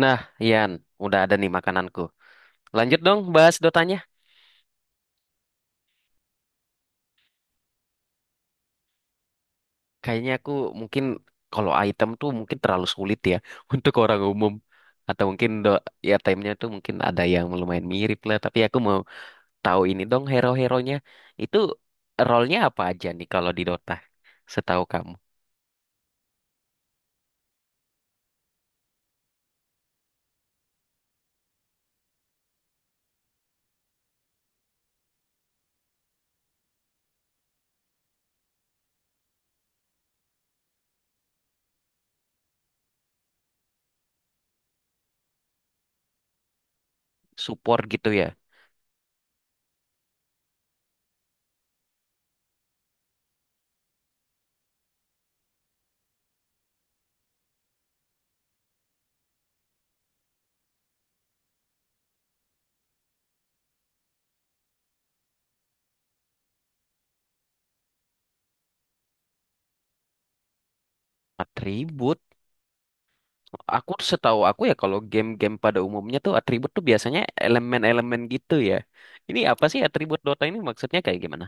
Nah, Ian, udah ada nih makananku. Lanjut dong bahas dotanya. Kayaknya aku mungkin kalau item tuh mungkin terlalu sulit ya untuk orang umum. Atau mungkin do ya timenya tuh mungkin ada yang lumayan mirip lah. Tapi aku mau tahu ini dong hero-heronya. Itu role-nya apa aja nih kalau di Dota? Setahu kamu. Support gitu ya. Atribut. Setahu aku ya kalau game-game pada umumnya tuh atribut tuh biasanya elemen-elemen gitu ya. Ini apa sih atribut Dota ini maksudnya kayak gimana?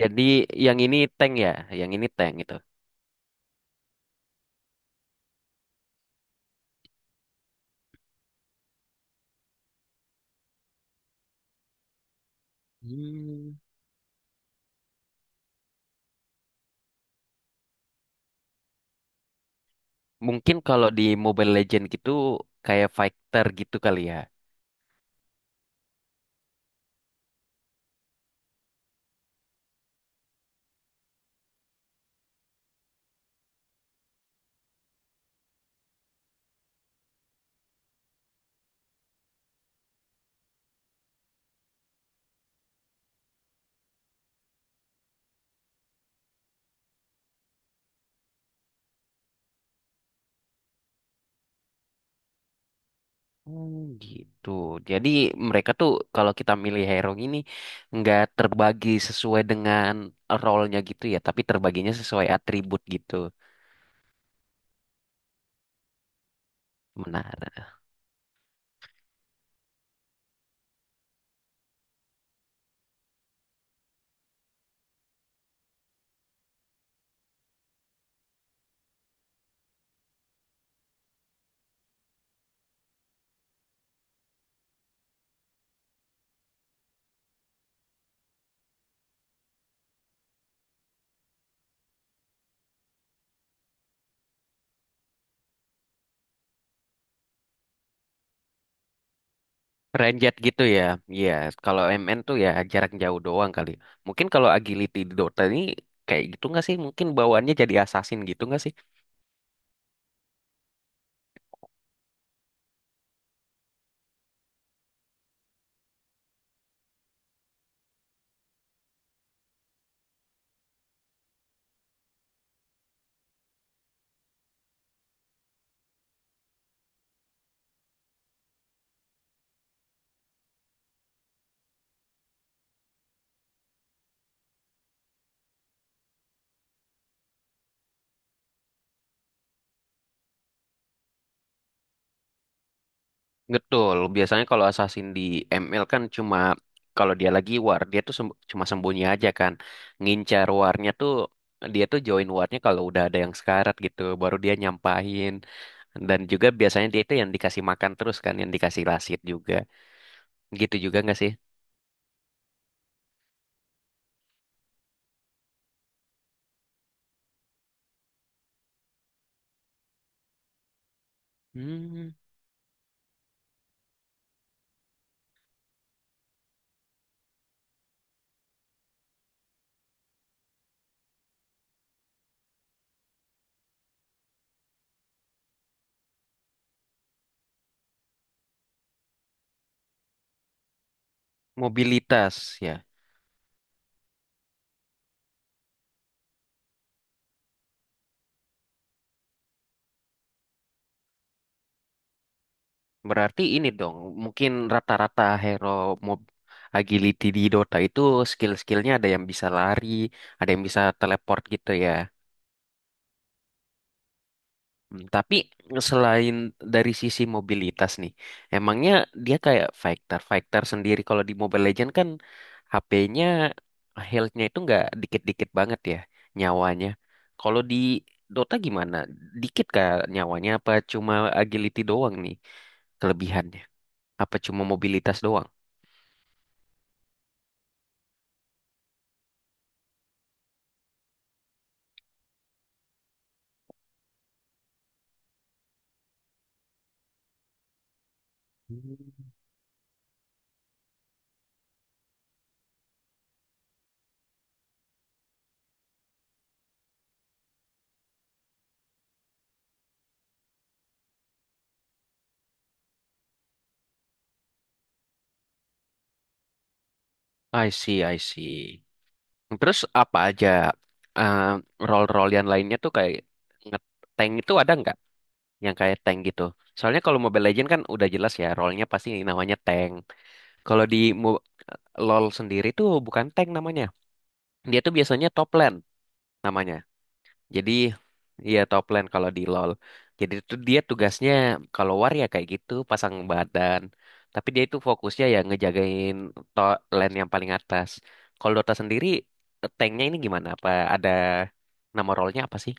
Jadi yang ini tank ya, yang ini tank gitu. Hmm. Mungkin kalau di Mobile Legend gitu kayak fighter gitu kali ya. Oh gitu. Jadi mereka tuh kalau kita milih hero ini nggak terbagi sesuai dengan role-nya gitu ya, tapi terbaginya sesuai atribut gitu. Menarik. Ranged gitu ya. Iya, kalau MN tuh ya jarak jauh doang kali. Mungkin kalau agility di Dota ini kayak gitu nggak sih? Mungkin bawaannya jadi assassin gitu nggak sih? Betul, biasanya kalau assassin di ML kan cuma kalau dia lagi war, dia tuh sem- cuma sembunyi aja kan. Ngincar warnya tuh dia tuh join warnya kalau udah ada yang sekarat gitu, baru dia nyampahin. Dan juga biasanya dia itu yang dikasih makan terus kan, yang dikasih lasit juga. Gitu juga nggak sih? Hmm, mobilitas ya. Berarti ini dong, mungkin rata-rata hero mob agility di Dota itu skill-skillnya ada yang bisa lari, ada yang bisa teleport gitu ya. Hmm, tapi selain dari sisi mobilitas nih, emangnya dia kayak fighter fighter sendiri kalau di Mobile Legends kan HP-nya health-nya itu nggak dikit-dikit banget ya nyawanya. Kalau di Dota gimana? Dikit kah nyawanya apa cuma agility doang nih kelebihannya? Apa cuma mobilitas doang? Hmm. I see, I see. Terus apa aja eh, role-role yang lainnya tuh kayak nge-tank itu ada nggak? Yang kayak tank gitu. Soalnya kalau Mobile Legends kan udah jelas ya, role-nya pasti namanya tank. Kalau di Mo- LoL sendiri tuh bukan tank namanya. Dia tuh biasanya top lane namanya. Jadi iya top lane kalau di LoL. Jadi tuh dia tugasnya kalau war ya kayak gitu, pasang badan. Tapi dia itu fokusnya ya ngejagain top lane yang paling atas. Kalau Dota sendiri tanknya ini gimana? Apa ada nama role-nya apa sih?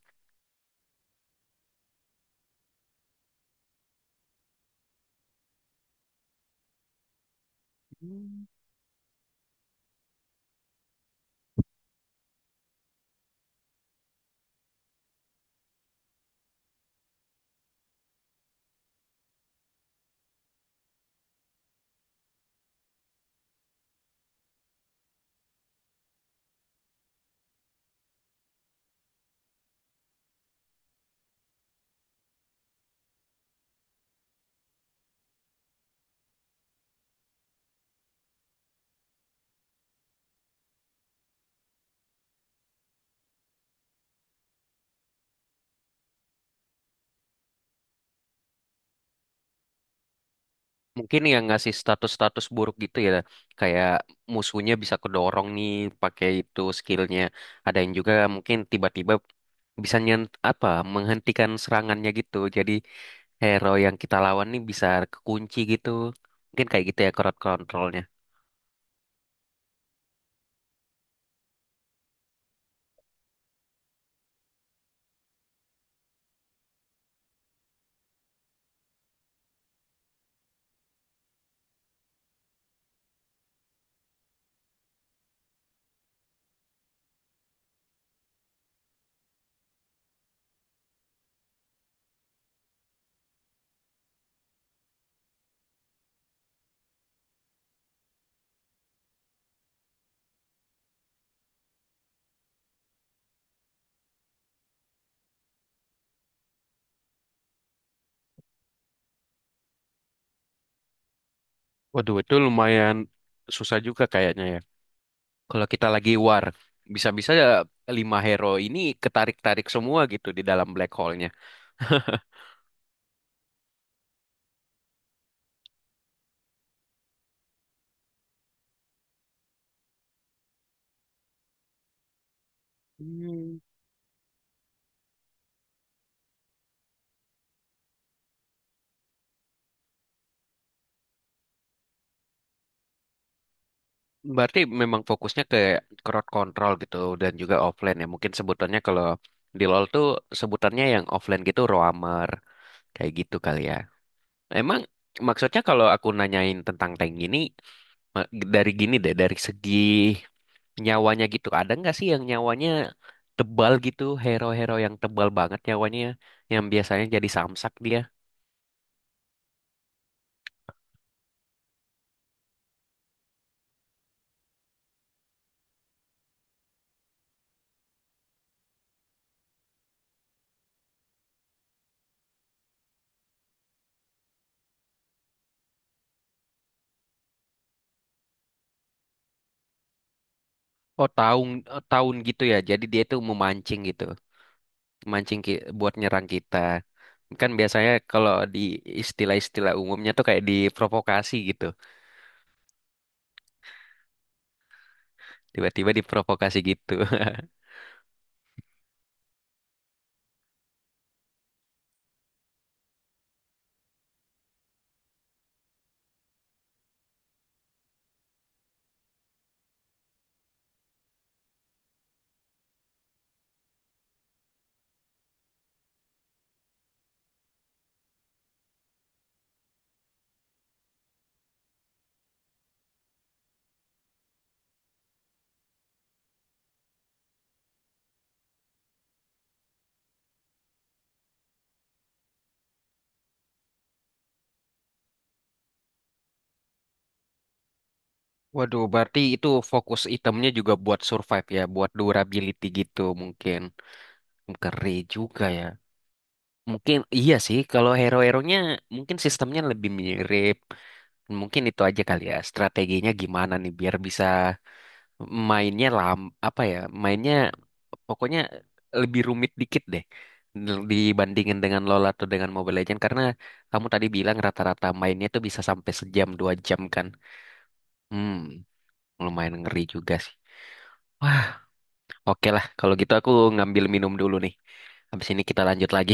Mungkin yang ngasih status-status buruk gitu ya, kayak musuhnya bisa kedorong nih pakai itu skillnya, ada yang juga mungkin tiba-tiba bisa nyent apa menghentikan serangannya gitu, jadi hero yang kita lawan nih bisa kekunci gitu, mungkin kayak gitu ya crowd controlnya. Waduh, itu lumayan susah juga kayaknya ya, kalau kita lagi war bisa-bisa ya lima hero ini ketarik-tarik semua gitu di dalam black hole-nya. Hmm. Berarti memang fokusnya ke crowd control gitu dan juga offline ya. Mungkin sebutannya kalau di LoL tuh sebutannya yang offline gitu roamer kayak gitu kali ya. Emang maksudnya kalau aku nanyain tentang tank ini ma- dari gini deh, dari segi nyawanya gitu ada nggak sih yang nyawanya tebal gitu, hero-hero yang tebal banget nyawanya yang biasanya jadi samsak dia. Oh tahun tahun gitu ya. Jadi dia tuh memancing gitu, mancing ki- buat nyerang kita. Kan biasanya kalau di istilah-istilah umumnya tuh kayak diprovokasi gitu. Tiba-tiba diprovokasi gitu. Waduh, berarti itu fokus itemnya juga buat survive ya, buat durability gitu mungkin. Keren juga ya. Mungkin iya sih, kalau hero-heronya mungkin sistemnya lebih mirip. Mungkin itu aja kali ya, strateginya gimana nih biar bisa mainnya lam apa ya mainnya pokoknya lebih rumit dikit deh dibandingin dengan Lola atau dengan Mobile Legends karena kamu tadi bilang rata-rata mainnya tuh bisa sampai sejam dua jam kan. Hmm, lumayan ngeri juga sih. Wah, oke lah kalau gitu aku ngambil minum dulu nih, habis ini kita lanjut lagi.